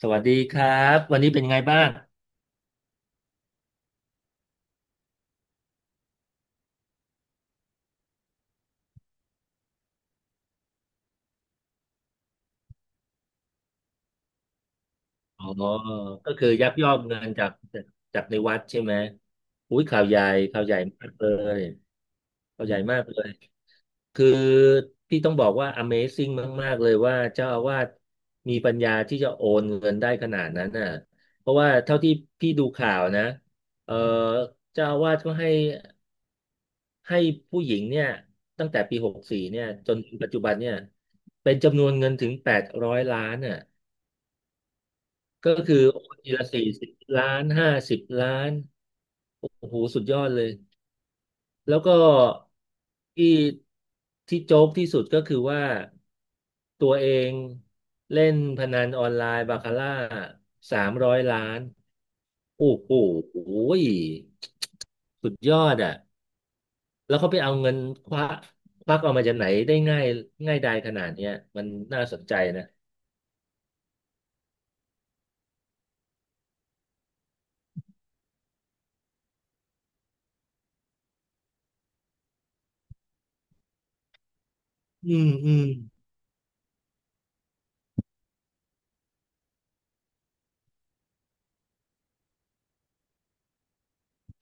สวัสดีครับวันนี้เป็นไงบ้างอ๋อก็คือยักยอกเงินจากในวัดใช่ไหมอุ้ยข่าวใหญ่ข่าวใหญ่มากเลยข่าวใหญ่มากเลยคือพี่ต้องบอกว่า Amazing มากๆเลยว่าเจ้าอาวาสมีปัญญาที่จะโอนเงินได้ขนาดนั้นน่ะเพราะว่าเท่าที่พี่ดูข่าวนะเออเจ้าอาวาสก็ให้ผู้หญิงเนี่ยตั้งแต่ปี64เนี่ยจนถึงปัจจุบันเนี่ยเป็นจำนวนเงินถึง800 ล้านน่ะ ก็คือโอนทีละ40 ล้าน50 ล้านโอ้โหสุดยอดเลยแล้วก็ที่ที่โจ๊กที่สุดก็คือว่าตัวเองเล่นพนันออนไลน์บาคาร่า300 ล้านโอ้โหยสุดยอดอ่ะแล้วเขาไปเอาเงินควักควักออกมาจากไหนได้ง่ายง่ายดายขนาดเนี้ยมันน่าสนใจนะอืมอืม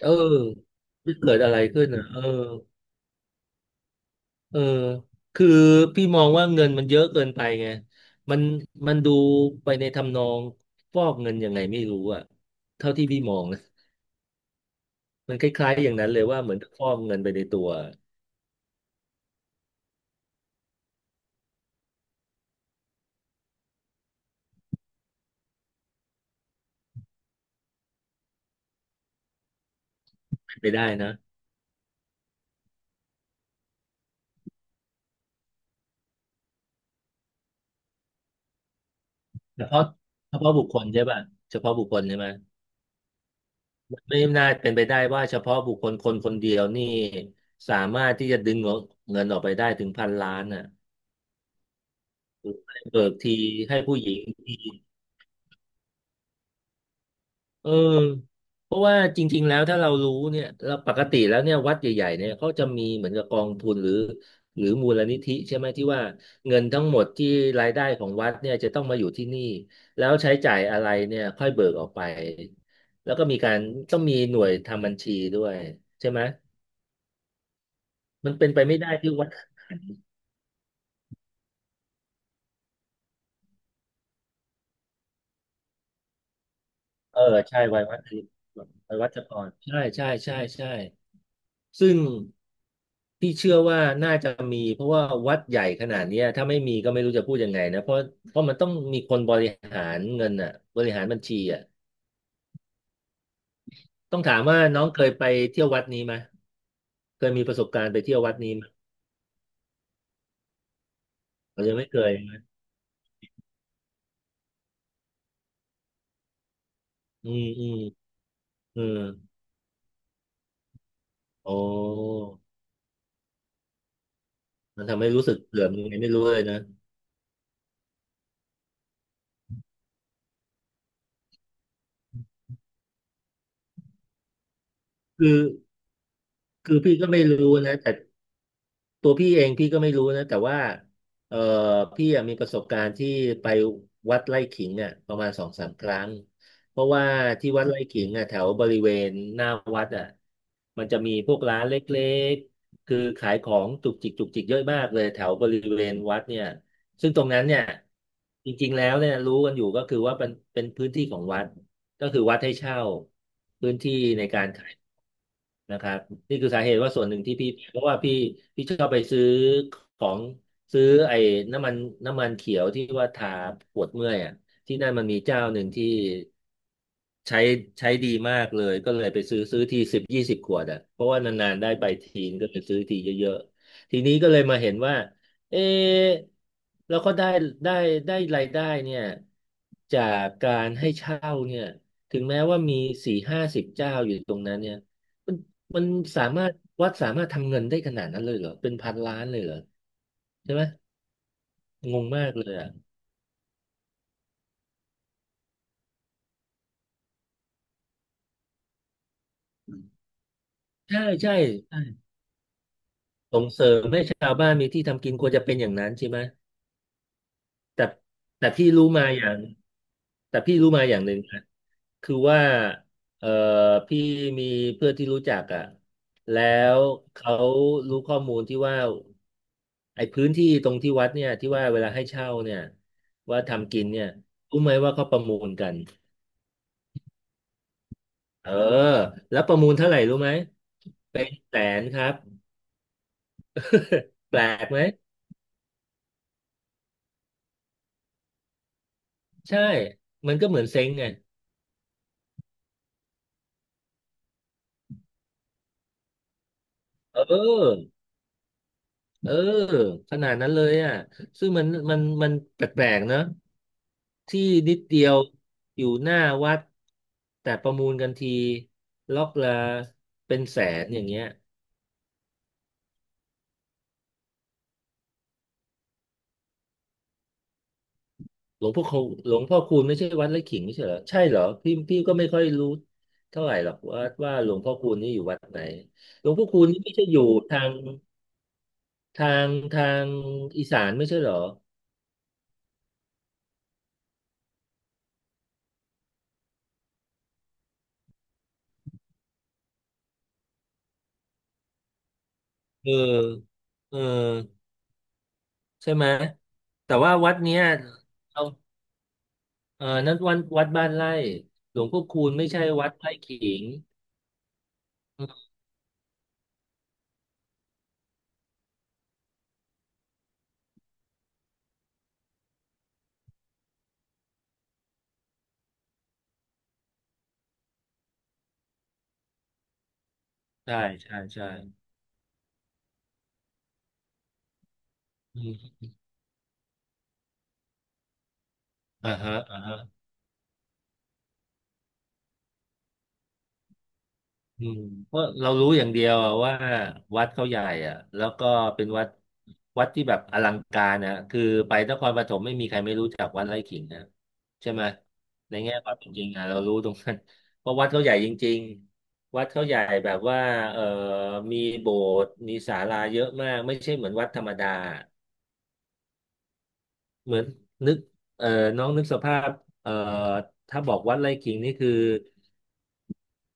เออเกิดอะไรขึ้นอ่ะเออ เออคือพี่มองว่าเงินมันเยอะเกินไปไงมันมันดูไปในทำนองฟอกเงินยังไงไม่รู้อะเท่าที่พี่มองนะมันคล้ายๆอย่างนั้นเลยว่าเหมือนฟอกเงินไปในตัวเป็นไปได้นะเฉพาะเฉพาะบุคคลใช่ป่ะเฉพาะบุคคลใช่ไหมมันไม่น่าเป็นไปได้ว่าเฉพาะบุคคลคนคนเดียวนี่สามารถที่จะดึงเงินออกไปได้ถึงพันล้านอ่ะเบิกทีให้ผู้หญิงที เออเพราะว่าจริงๆแล้วถ้าเรารู้เนี่ยเราปกติแล้วเนี่ยวัดใหญ่ๆเนี่ยเขาจะมีเหมือนกับกองทุนหรือมูลนิธิใช่ไหมที่ว่าเงินทั้งหมดที่รายได้ของวัดเนี่ยจะต้องมาอยู่ที่นี่แล้วใช้จ่ายอะไรเนี่ยค่อยเบิกออกไปแล้วก็มีการต้องมีหน่วยทำบัญชีด้วยใช่ไหมมันเป็นไปไม่ได้ที่วัดเออใช่ไวัยวัดไวายวัชกรใช่ใช่ใช่ใช่ ซึ่งพี่เชื่อว่าน่าจะมีเพราะว่าวัดใหญ่ขนาดเนี้ยถ้าไม่มีก็ไม่รู้จะพูดยังไงนะเพราะมันต้องมีคนบริหารเงินอ่ะบริหารบัญชีอ่ะต้องถามว่าน้องเคยไปเที่ยววัดนี้ไหมเคยมีประสบการณ์ไปเที่ยววัดนี้ไหมเรายังไม่เคยนะอืมอืมอืมโอ้มันทำให้รู้สึกเสื่อมยังไงไม่รู้เลยนะคือคือพี่ก็ไม่รู้นะแต่ ตัวพี่เองพี่ก็ไม่รู้นะแต่ว่าเออพี่อะมีประสบการณ์ที่ไปวัดไร่ขิงเนี่ยประมาณสองสามครั้งเพราะว่าที่วัดไร่ขิงอ่ะแถวบริเวณหน้าวัดอ่ะมันจะมีพวกร้านเล็กๆคือขายของจุกจิกจุกจิกเยอะมากเลยแถวบริเวณวัดเนี่ยซึ่งตรงนั้นเนี่ยจริงๆแล้วเนี่ยรู้กันอยู่ก็คือว่าเป็นพื้นที่ของวัด ก็คือวัดให้เช่าพื้นที่ในการขายนะครับนี่คือสาเหตุว่าส่วนหนึ่งที่พี่เพราะว่าพี่ชอบไปซื้อของซื้อไอ้น้ำมันน้ำมันเขียวที่ว่าทาปวดเมื่อยอ่ะที่นั่นมันมีเจ้าหนึ่งที่ใช้ใช้ดีมากเลยก็เลยไปซื้อทีสิบยี่สิบขวดอ่ะเพราะว่านานๆได้ไปทีนก็ไปซื้อทีเยอะๆทีนี้ก็เลยมาเห็นว่าเอ๊ะแล้วก็ได้ได้รายได้เนี่ยจากการให้เช่าเนี่ย ถึงแม้ว่ามีสี่ห้าสิบเจ้าอยู่ตรงนั้นเนี่ยมันมันสามารถวัดสามารถทำเงินได้ขนาดนั้นเลยเหรอเป็นพันล้านเลยเหรอใช่ไหมงงมากเลยอ่ะใช่ใช่ใช่ส่งเสริมให้ชาวบ้านมีที่ทำกินควรจะเป็นอย่างนั้นใช่ไหมแต่แต่พี่รู้มาอย่างแต่พี่รู้มาอย่างหนึ่งนะคือว่าเอ่อพี่มีเพื่อนที่รู้จักอ่ะแล้วเขารู้ข้อมูลที่ว่า ไอ้พื้นที่ตรงที่วัดเนี่ยที่ว่าเวลาให้เช่าเนี่ยว่าทำกินเนี่ยรู้ไหมว่าเขาประมูลกันเออแล้วประมูลเท่าไหร่รู้ไหมเป็นแสนครับ แปลกไหมใช่มันก็เหมือนเซ้งไงเออเออขนาดนั้นเลยอ่ะซึ่งมันแปลกๆเนอะที่นิดเดียวอยู่หน้าวัดแต่ประมูลกันทีล็อกละเป็นแสนอย่างเงี้ย หลวงพ่อคูหลวงพ่อคูณไม่ใช่วัดไร่ขิงไม่ใช่เหรอใช่เหรอพี่ก็ไม่ค่อยรู้เท่าไหร่หรอกว่าหลวงพ่อคูณนี่อยู่วัดไหนหลวงพ่อคูณนี่ไม่ใช่อยู่ทางทางอีสานไม่ใช่เหรอเออเออใช่ไหมแต่ว่าวัดเนี้ยเอาเออนั้นวัดบ้านไร่หลวงพ่อคูณไม่ใช่วัดไร่ขิงอืมใช่ใช่อืมอ่าฮะอ่าฮะ อืมเพราะเรารู้อย่างเดียวอะว่าวัดเขาใหญ่อ่ะแล้วก็เป็นวัดที่แบบอลังการนะคือไปนครปฐมไม่มีใครไม่รู้จักวัดไร่ขิงนะใช่ไหมในแง่ความเป็นจริงอ่ะเรารู้ตรงนั้นเพราะวัดเขาใหญ่จริงๆวัดเขาใหญ่แบบว่าเออมีโบสถ์มีศาลาเยอะมากไม่ใช่เหมือนวัดธรรมดาเหมือนนึกเออน้องนึกสภาพเออถ้าบอกวัดไร่ขิงนี่คือ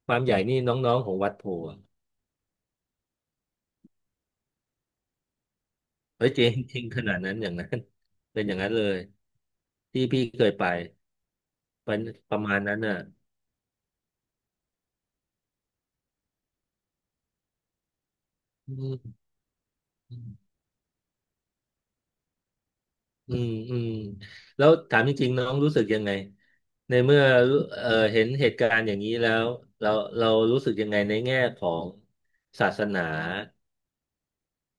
ความใหญ่นี่น้องๆของวัดโพ เฮ้ยจริงจริงขนาดนั้นอย่างนั้น เป็นอย่างนั้นเลยที่พี่เคยไปเป็นประมาณนั้นน่ะอืมอืมแล้วถามจริงๆน้องรู้สึกยังไงในเมื่อเห็นเหตุการณ์อย่างนี้แล้วเราเรารู้สึกยังไงในแง่ของศาสนา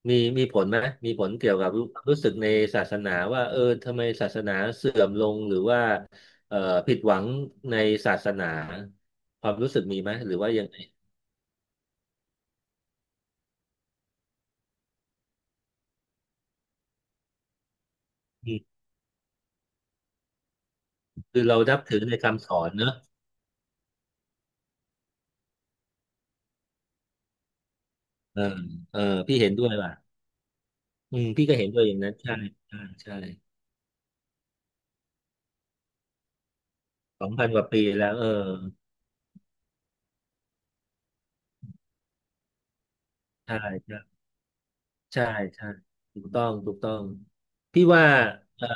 มีผลไหมมีผลเกี่ยวกับรู้สึกในศาสนาว่าเออทำไมศาสนาเสื่อมลงหรือว่าเอ่อผิดหวังในศาสนาความรู้สึกมีไหมหรือว่ายังไงอื คือเรานับถือในคำสอนเนอะเออเออพี่เห็นด้วยว่ะอืมพี่ก็เห็นด้วยอย่างนั้นใช่ใช่สองพันกว่าปีแล้วเออใช่ใช่ใช่ใช่ถูกต้องถูกต้อง. พี่ว่าเอ่อ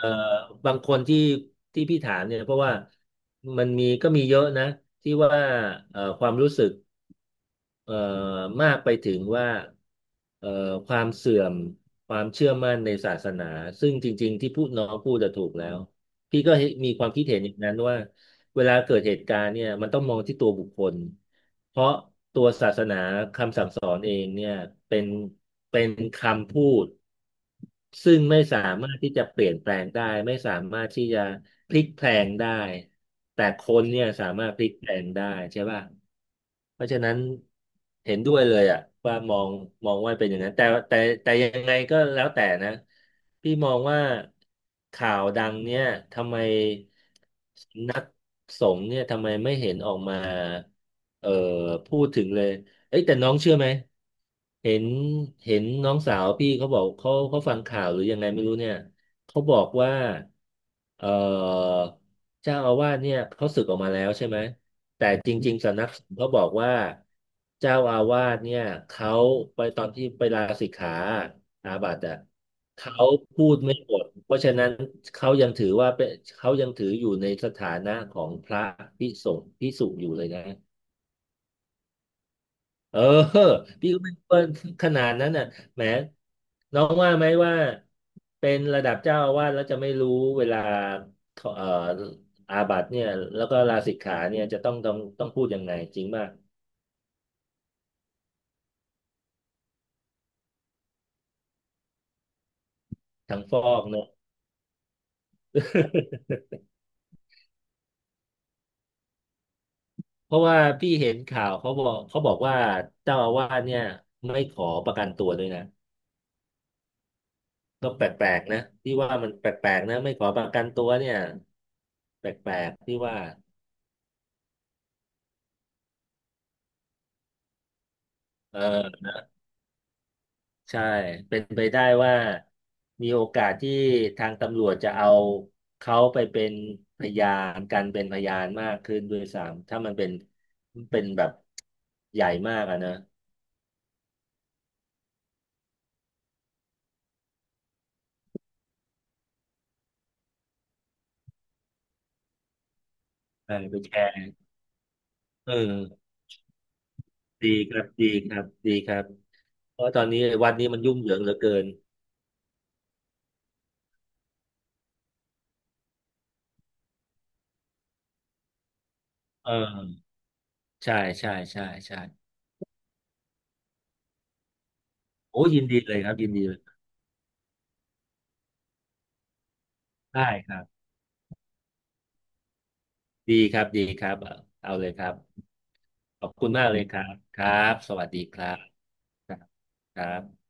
บางคนที่พี่ถามเนี่ยเพราะว่ามันมีก็มีเยอะนะที่ว่าความรู้สึก เอ่อมากไปถึงว่าเอ่อความเสื่อมความเชื่อมั่นในศาสนาซึ่งจริงๆที่พูดน้องพูดจะถูกแล้วพี่ก็มีความคิดเห็นอย่างนั้นว่า เวลาเกิดเหตุการณ์เนี่ยมันต้องมองที่ตัวบุคคลเพราะตัวศาสนาคำสั่งสอนเองเนี่ยเป็นเป็นคำพูดซึ่งไม่สามารถที่จะเปลี่ยนแปลงได้ไม่สามารถที่จะพลิกแพลงได้แต่คนเนี่ยสามารถพลิกแพลงได้ใช่ป่ะเพราะฉะนั้นเห็นด้วยเลยอ่ะว่ามองว่าเป็นอย่างนั้นแต่แต่ยังไงก็แล้วแต่นะพี่มองว่าข่าวดังเนี่ยทำไม สงฆ์เนี่ยทำไมไม่เห็นออกมาเอ่อพูดถึงเลยเอ้ยแต่น้องเชื่อไหมเห็นเห็นน้องสาวพี่เขาบอกเขาเขาฟังข่าวหรือยังไงไม่รู้เนี่ยเขาบอกว่าเอ่อ เจ้าอาวาสเนี่ยเขาสึกออกมาแล้วใช่ไหมแต่จริงๆสำนักสงฆ์เขาบอกว่าเจ้าอาวาสเนี่ยเขาไปตอนที่ไปลาสิกขาอาบัติอ่ะเขาพูดไม่หมดเพราะฉะนั้นเขายังถือว่าเป็นเขายังถืออยู่ในสถานะของพระภิกษุอยู่เลยนะ เออพี่ก็ไม่รู้ว่าขนาดนั้นน่ะแหมน้องว่าไหมว่าเป็นระดับเจ้าอาวาสแล้วจะไม่รู้เวลาเอ่ออาบัติเนี่ยแล้วก็ลาสิกขาเนี่ยจะต้องพูดยังไงจริงมากทั้งฟอกเนอะ เพราะว่าพี่เห็นข่าวเขาบอกว่าเจ้าอาวาสเนี่ยไม่ขอประกันตัวด้วยนะก็แปลกๆนะพี่ว่ามันแปลกๆนะไม่ขอประกันตัวเนี่ยแปลกๆพี่ว่าเออ ใช่เป็นไปได้ว่ามีโอกาสที่ทางตำรวจจะเอาเขาไปเป็นพยานกันเป็นพยานมากขึ้นด้วยซ้ำถ้ามันเป็นเป็นแบบใหญ่มากอะนะเออไปแชร์เออดีครับดีครับเพราะตอนนี้วัดนี้มันยุ่งเหยิงเหลือเกินเออใช่ใช่ใช่โอ้ยินดีเลยครับยินดีเลยได้ครับดีครับเอาเลยครับขอบคุณมากเลยครับครับสวัสดีครับ ครับครับ